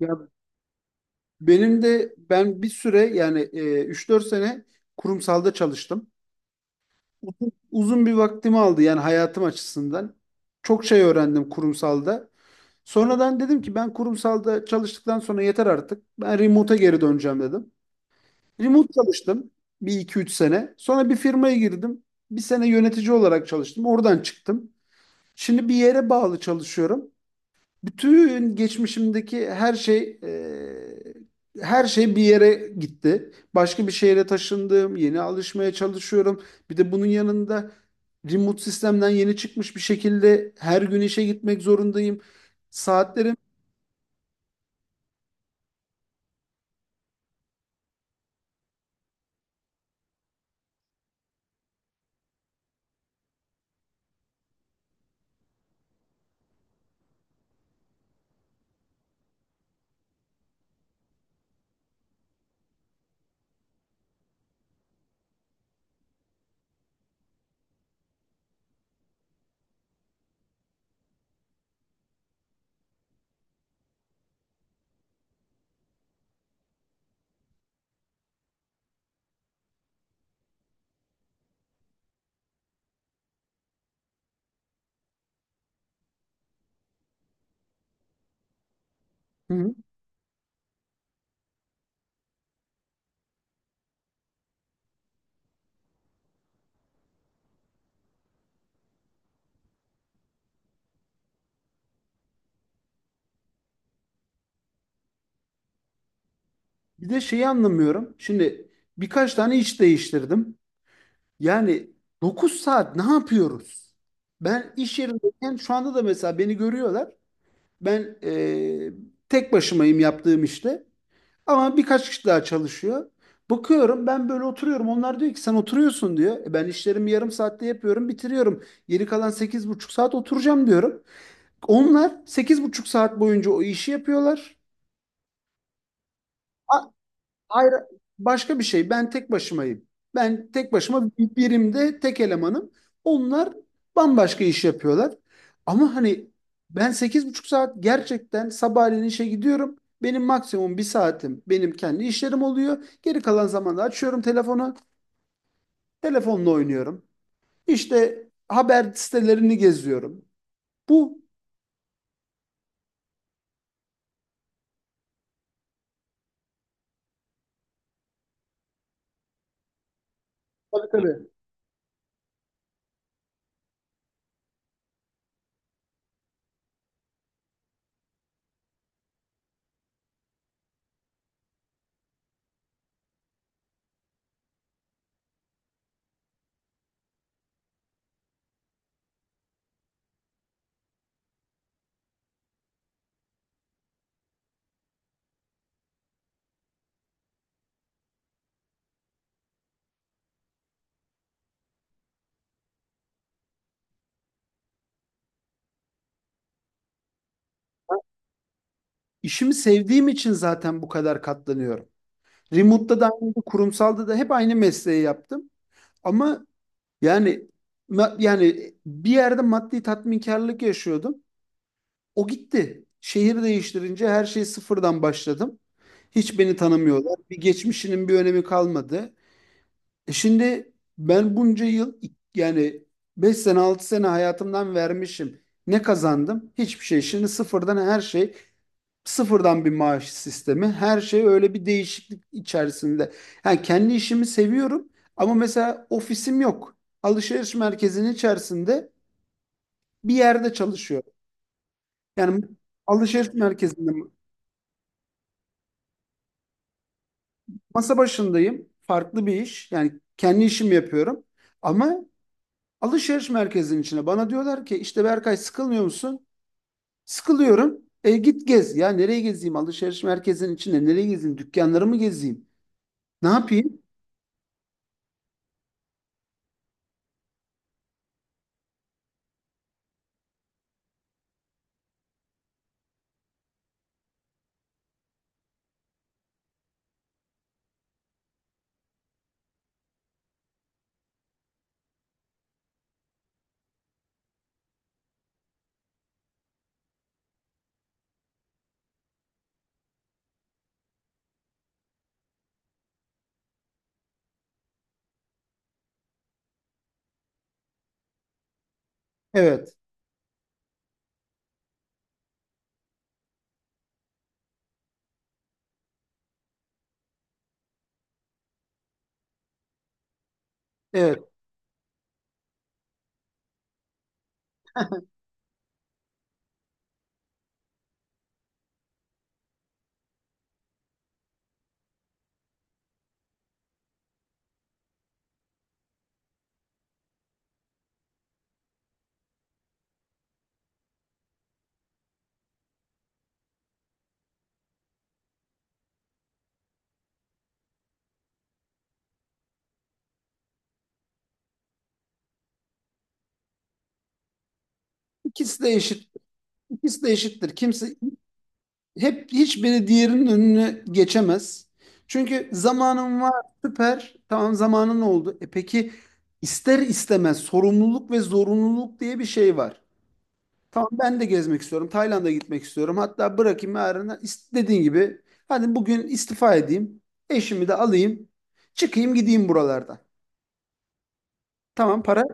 Ya benim de ben bir süre yani 3-4 sene kurumsalda çalıştım. Uzun, uzun bir vaktimi aldı yani hayatım açısından. Çok şey öğrendim kurumsalda. Sonradan dedim ki ben kurumsalda çalıştıktan sonra yeter artık. Ben remote'a geri döneceğim dedim. Remote çalıştım bir iki üç sene. Sonra bir firmaya girdim. Bir sene yönetici olarak çalıştım. Oradan çıktım. Şimdi bir yere bağlı çalışıyorum. Bütün geçmişimdeki her şey bir yere gitti. Başka bir şehre taşındım, yeni alışmaya çalışıyorum. Bir de bunun yanında remote sistemden yeni çıkmış bir şekilde her gün işe gitmek zorundayım. Saatlerim. Hı hı. Bir de şeyi anlamıyorum. Şimdi birkaç tane iş değiştirdim. Yani 9 saat ne yapıyoruz? Ben iş yerindeyken şu anda da mesela beni görüyorlar. Ben tek başımayım yaptığım işte. Ama birkaç kişi daha çalışıyor. Bakıyorum ben böyle oturuyorum. Onlar diyor ki sen oturuyorsun diyor. E ben işlerimi yarım saatte yapıyorum, bitiriyorum. Geri kalan 8,5 saat oturacağım diyorum. Onlar 8,5 saat boyunca o işi yapıyorlar. A- Hayır, başka bir şey. Ben tek başımayım. Ben tek başıma bir birimde tek elemanım. Onlar bambaşka iş yapıyorlar. Ama hani ben 8,5 saat gerçekten sabahleyin işe gidiyorum. Benim maksimum bir saatim benim kendi işlerim oluyor. Geri kalan zamanda açıyorum telefonu. Telefonla oynuyorum. İşte haber sitelerini geziyorum. Bu. Tabii, tabii. işimi sevdiğim için zaten bu kadar katlanıyorum. Remote'da da aynı, kurumsalda da hep aynı mesleği yaptım. Ama yani, yani bir yerde maddi tatminkarlık yaşıyordum. O gitti. Şehir değiştirince her şeyi sıfırdan başladım. Hiç beni tanımıyorlar. Bir geçmişinin bir önemi kalmadı. E şimdi ben bunca yıl yani 5 sene 6 sene hayatımdan vermişim. Ne kazandım? Hiçbir şey. Şimdi sıfırdan her şey, sıfırdan bir maaş sistemi. Her şey öyle bir değişiklik içerisinde. Yani kendi işimi seviyorum ama mesela ofisim yok. Alışveriş merkezinin içerisinde bir yerde çalışıyorum. Yani alışveriş merkezinde masa başındayım. Farklı bir iş. Yani kendi işimi yapıyorum. Ama alışveriş merkezinin içine bana diyorlar ki işte Berkay sıkılmıyor musun? Sıkılıyorum. E git gez. Ya nereye gezeyim? Alışveriş merkezinin içinde nereye gezeyim? Dükkanları mı gezeyim? Ne yapayım? Evet. Evet. İkisi de eşit. İkisi de eşittir. Kimse hep hiçbiri diğerinin önüne geçemez. Çünkü zamanın var, süper. Tamam, zamanın oldu. E peki, ister istemez sorumluluk ve zorunluluk diye bir şey var. Tamam, ben de gezmek istiyorum. Tayland'a gitmek istiyorum. Hatta bırakayım yarına, dediğin gibi hadi bugün istifa edeyim. Eşimi de alayım. Çıkayım gideyim buralardan. Tamam, para.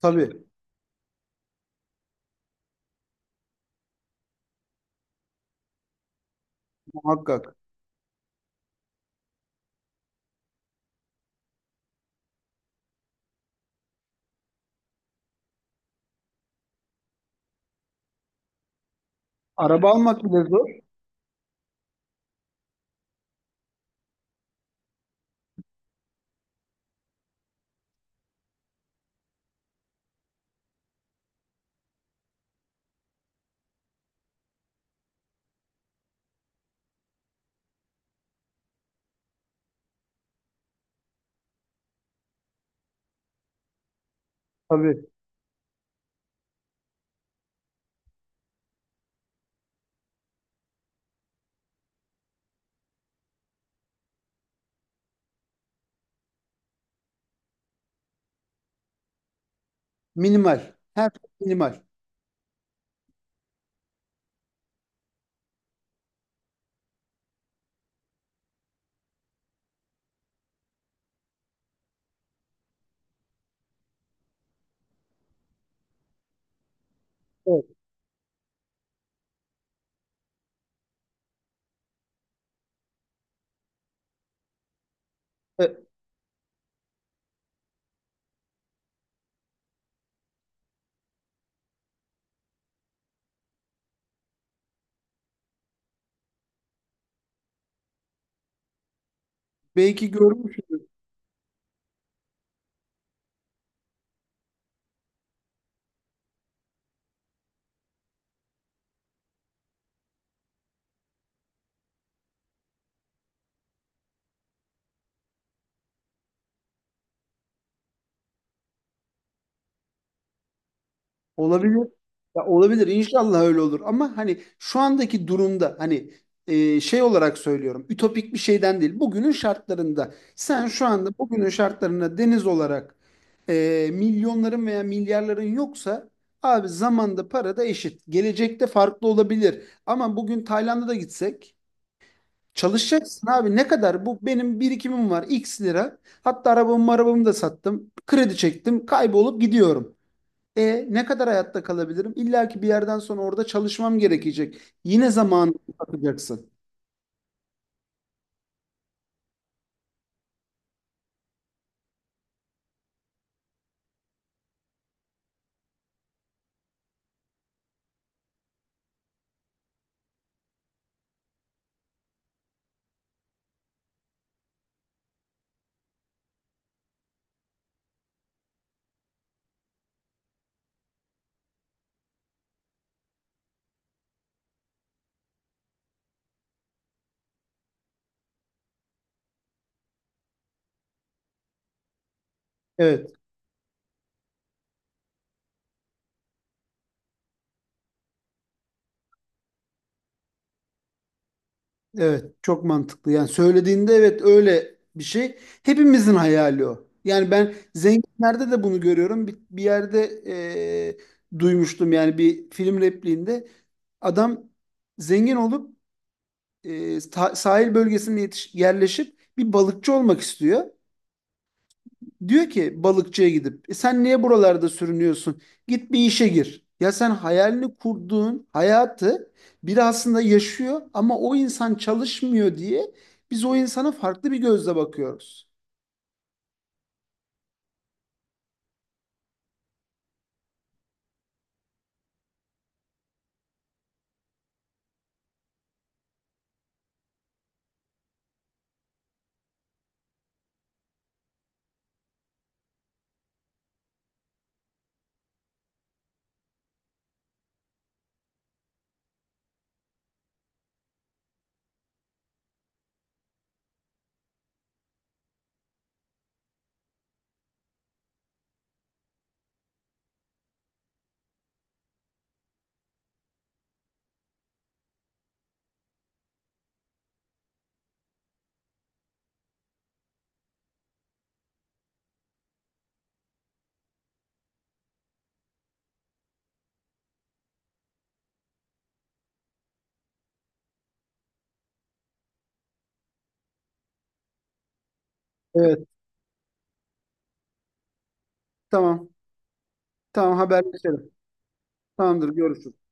Tabii, muhakkak. Araba almak bile zor. Tabii. Minimal. Her şey minimal. Evet. E, belki görmüşsünüz. Olabilir. Ya olabilir. İnşallah öyle olur. Ama hani şu andaki durumda, hani şey olarak söylüyorum. Ütopik bir şeyden değil. Bugünün şartlarında sen şu anda bugünün şartlarında Deniz olarak milyonların veya milyarların yoksa abi zamanda para da eşit. Gelecekte farklı olabilir. Ama bugün Tayland'a da gitsek çalışacaksın abi. Ne kadar bu benim birikimim var, x lira, hatta arabamı da sattım, kredi çektim, kaybolup gidiyorum. E ne kadar hayatta kalabilirim? İlla ki bir yerden sonra orada çalışmam gerekecek. Yine zamanı atacaksın. Evet, evet, çok mantıklı. Yani söylediğinde evet, öyle bir şey. Hepimizin hayali o. Yani ben zenginlerde de bunu görüyorum. Bir yerde duymuştum yani, bir film repliğinde adam zengin olup, sahil bölgesine yerleşip bir balıkçı olmak istiyor. Diyor ki balıkçıya gidip "E sen niye buralarda sürünüyorsun? Git bir işe gir." Ya sen hayalini kurduğun hayatı biri aslında yaşıyor ama o insan çalışmıyor diye biz o insana farklı bir gözle bakıyoruz. Evet. Tamam. Tamam, haberleşelim. Tamamdır, görüşürüz.